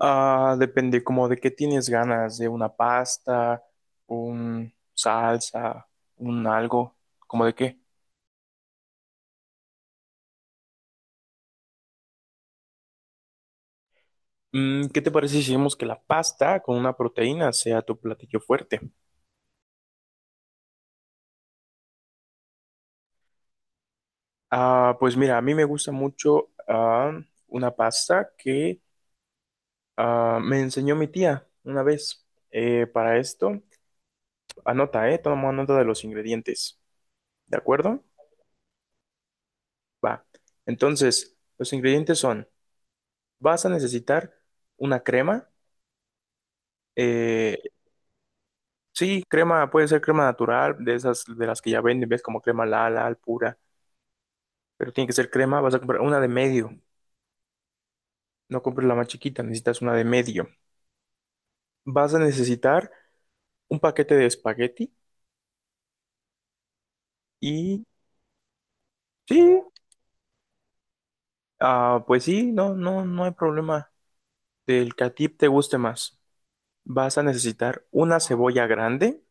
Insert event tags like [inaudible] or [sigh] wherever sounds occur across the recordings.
Depende como de qué tienes ganas, de una pasta, un salsa, un algo, como de qué. ¿Qué te parece si hacemos que la pasta con una proteína sea tu platillo fuerte? Pues mira, a mí me gusta mucho una pasta que me enseñó mi tía una vez. Para esto, anota, toma nota de los ingredientes, ¿de acuerdo? Va. Entonces, los ingredientes son, vas a necesitar una crema. Eh, sí, crema, puede ser crema natural, de esas de las que ya venden, ves como crema Lala, al pura, pero tiene que ser crema. Vas a comprar una de medio, no compres la más chiquita, necesitas una de medio. Vas a necesitar un paquete de espagueti y sí, pues sí, no hay problema del que a ti te guste más. Vas a necesitar una cebolla grande,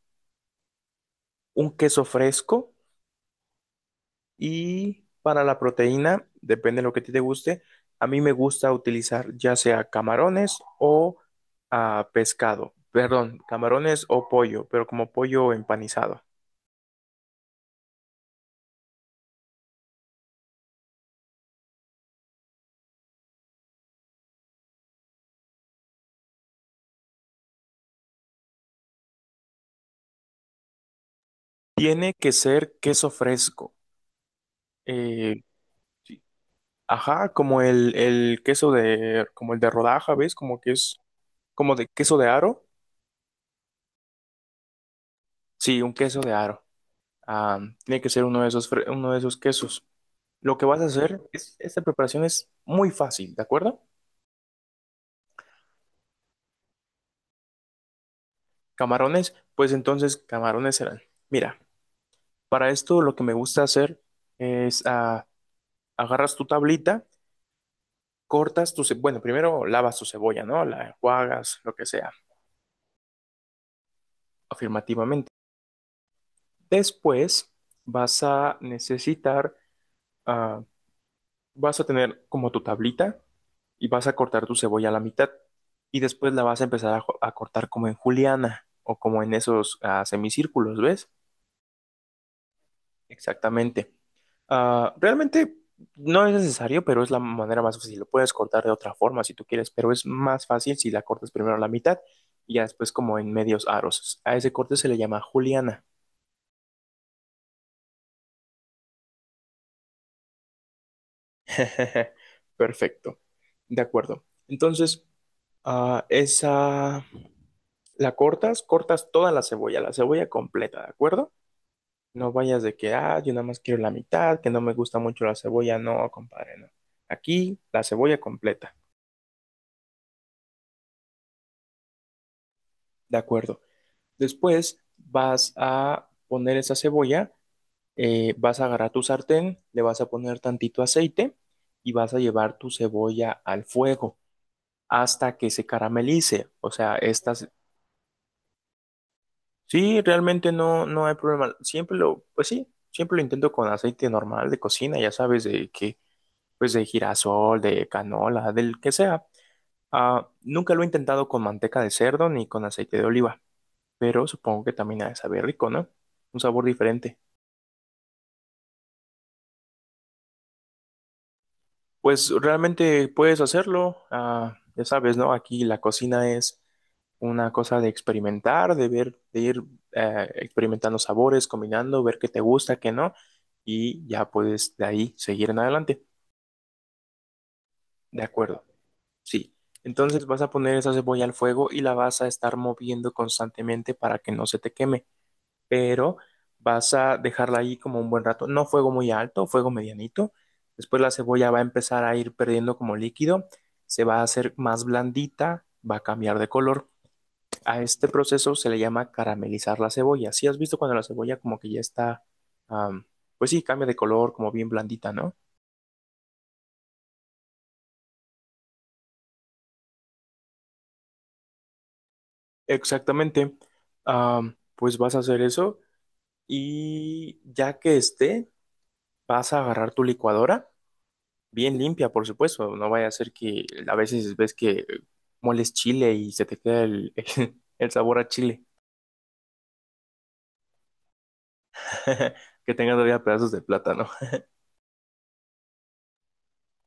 un queso fresco. Y para la proteína, depende de lo que a ti te guste. A mí me gusta utilizar ya sea camarones o pescado. Perdón, camarones o pollo, pero como pollo empanizado. Tiene que ser queso fresco. Eh, Sí. Ajá, como el queso de, como el de rodaja, ¿ves? Como que es, como de queso de aro. Sí, un queso de aro. Ah, Tiene que ser uno de esos, uno de esos quesos. Lo que vas a hacer es, esta preparación es muy fácil, ¿de acuerdo? Camarones, pues entonces camarones serán. Mira, para esto lo que me gusta hacer es agarras tu tablita, bueno, primero lavas tu cebolla, ¿no? La enjuagas, lo que sea, afirmativamente. Después vas a necesitar, ah, vas a tener como tu tablita y vas a cortar tu cebolla a la mitad y después la vas a empezar a cortar como en juliana o como en esos semicírculos, ¿ves? Exactamente. Realmente no es necesario, pero es la manera más fácil. Lo puedes cortar de otra forma si tú quieres, pero es más fácil si la cortas primero a la mitad y ya después como en medios aros. A ese corte se le llama juliana. [laughs] Perfecto. De acuerdo. Entonces, ah, esa la cortas, cortas toda la cebolla completa, ¿de acuerdo? No vayas de que, yo nada más quiero la mitad, que no me gusta mucho la cebolla. No, compadre, no. Aquí, la cebolla completa. De acuerdo. Después vas a poner esa cebolla, vas a agarrar tu sartén, le vas a poner tantito aceite y vas a llevar tu cebolla al fuego hasta que se caramelice. O sea, estas, sí, realmente no, no hay problema. Siempre lo, pues sí, siempre lo intento con aceite normal de cocina, ya sabes, de que, pues de girasol, de canola, del que sea. Nunca lo he intentado con manteca de cerdo ni con aceite de oliva, pero supongo que también ha de saber rico, ¿no? Un sabor diferente. Pues realmente puedes hacerlo, ya sabes, ¿no? Aquí la cocina es una cosa de experimentar, de ver, de ir experimentando sabores, combinando, ver qué te gusta, qué no, y ya puedes de ahí seguir en adelante. De acuerdo, sí. Entonces vas a poner esa cebolla al fuego y la vas a estar moviendo constantemente para que no se te queme, pero vas a dejarla ahí como un buen rato. No fuego muy alto, fuego medianito. Después la cebolla va a empezar a ir perdiendo como líquido, se va a hacer más blandita, va a cambiar de color. A este proceso se le llama caramelizar la cebolla. Si has visto cuando la cebolla como que ya está, am, pues sí, cambia de color, como bien blandita, ¿no? Exactamente. Pues vas a hacer eso y ya que esté, vas a agarrar tu licuadora bien limpia, por supuesto. No vaya a ser que a veces ves que moles chile y se te queda [laughs] el sabor a chile, [laughs] que tenga todavía pedazos de plátano.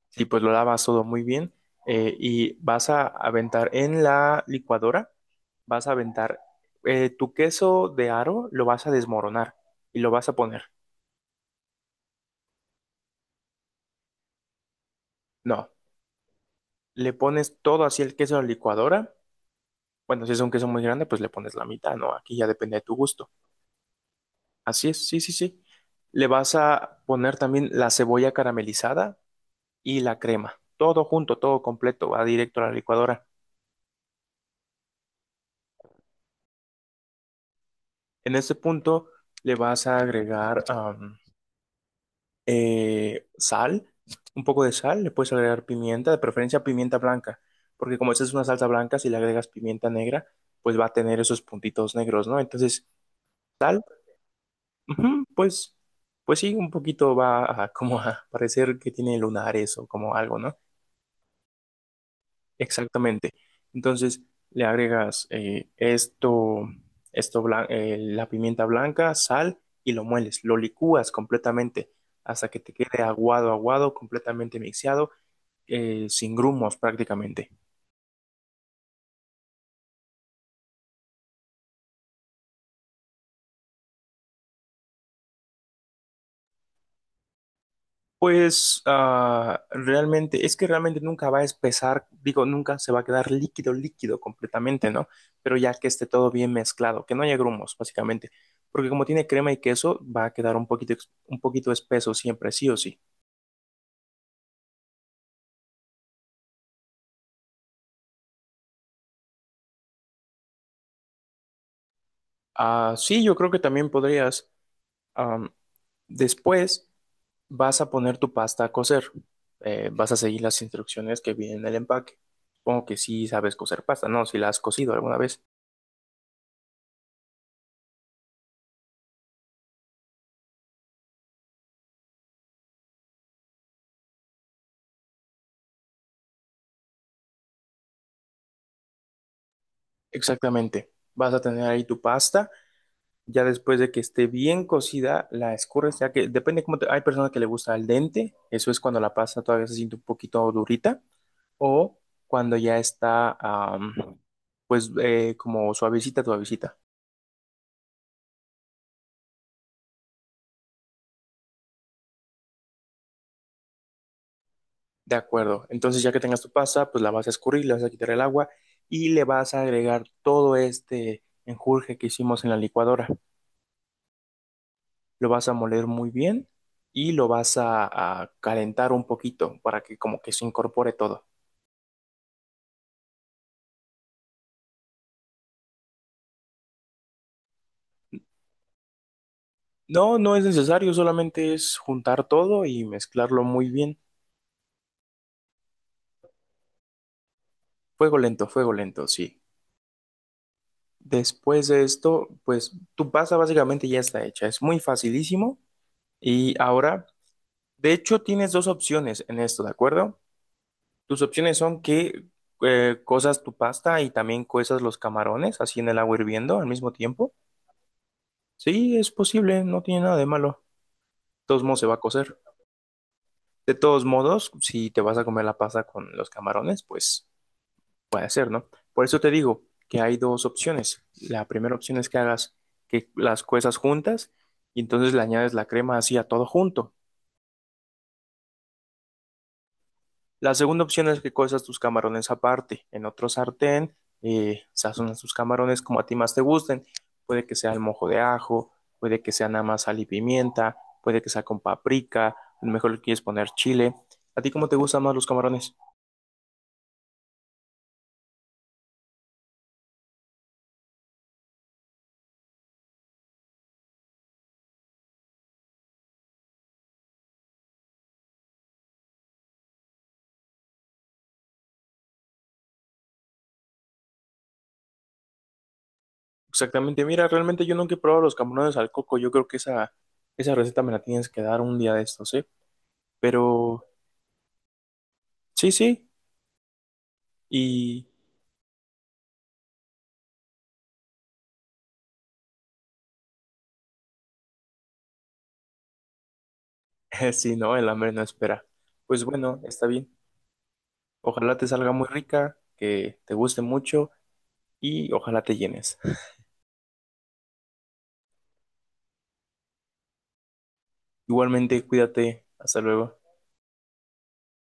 Sí, pues lo lavas todo muy bien, y vas a aventar en la licuadora, vas a aventar tu queso de aro, lo vas a desmoronar y lo vas a poner. No, le pones todo así el queso a la licuadora. Bueno, si es un queso muy grande, pues le pones la mitad, ¿no? Aquí ya depende de tu gusto. Así es, sí, sí, sí. Le vas a poner también la cebolla caramelizada y la crema. Todo junto, todo completo, va directo a la licuadora. En este punto le vas a agregar sal, un poco de sal, le puedes agregar pimienta, de preferencia pimienta blanca, porque como esta es una salsa blanca, si le agregas pimienta negra, pues va a tener esos puntitos negros, ¿no? Entonces, sal, ujú, pues, pues sí, un poquito va a, como a parecer que tiene lunares o como algo, ¿no? Exactamente. Entonces le agregas la pimienta blanca, sal y lo mueles, lo licúas completamente hasta que te quede aguado, aguado, completamente mixeado, sin grumos prácticamente. Pues es que realmente nunca va a espesar, digo, nunca se va a quedar líquido, líquido completamente, ¿no? Pero ya que esté todo bien mezclado, que no haya grumos, básicamente. Porque como tiene crema y queso, va a quedar un poquito, un poquito espeso siempre, sí o sí. Sí, yo creo que también podrías. Am, Después vas a poner tu pasta a cocer. Vas a seguir las instrucciones que vienen en el empaque. Supongo que sí sabes cocer pasta, ¿no? Si la has cocido alguna vez. Exactamente. Vas a tener ahí tu pasta. Ya después de que esté bien cocida, la escurres, ya que depende cómo te... Hay personas que le gusta al dente. Eso es cuando la pasta todavía se siente un poquito durita. O cuando ya está, pues, como suavecita, suavecita. De acuerdo. Entonces, ya que tengas tu pasta, pues la vas a escurrir, le vas a quitar el agua y le vas a agregar todo este enjurje que hicimos en la licuadora. Lo vas a moler muy bien y lo vas a calentar un poquito para que como que se incorpore todo. No, no es necesario, solamente es juntar todo y mezclarlo muy bien. Fuego lento, sí. Después de esto, pues tu pasta básicamente ya está hecha. Es muy facilísimo. Y ahora, de hecho, tienes dos opciones en esto, ¿de acuerdo? Tus opciones son que cozas tu pasta y también cuezas los camarones así en el agua hirviendo al mismo tiempo. Sí, es posible, no tiene nada de malo. De todos modos se va a cocer. De todos modos, si te vas a comer la pasta con los camarones, pues puede ser, ¿no? Por eso te digo que hay dos opciones. La primera opción es que hagas que las cuezas juntas y entonces le añades la crema así a todo junto. La segunda opción es que cuezas tus camarones aparte, en otro sartén, sazonas tus camarones como a ti más te gusten. Puede que sea el mojo de ajo, puede que sea nada más sal y pimienta, puede que sea con paprika, a lo mejor le quieres poner chile. ¿A ti cómo te gustan más los camarones? Exactamente, mira, realmente yo nunca he probado los camarones al coco, yo creo que esa receta me la tienes que dar un día de estos, ¿eh? Pero sí, sí, y [laughs] si no, el hambre no espera. Pues bueno, está bien. Ojalá te salga muy rica, que te guste mucho y ojalá te llenes. Igualmente, cuídate. Hasta luego.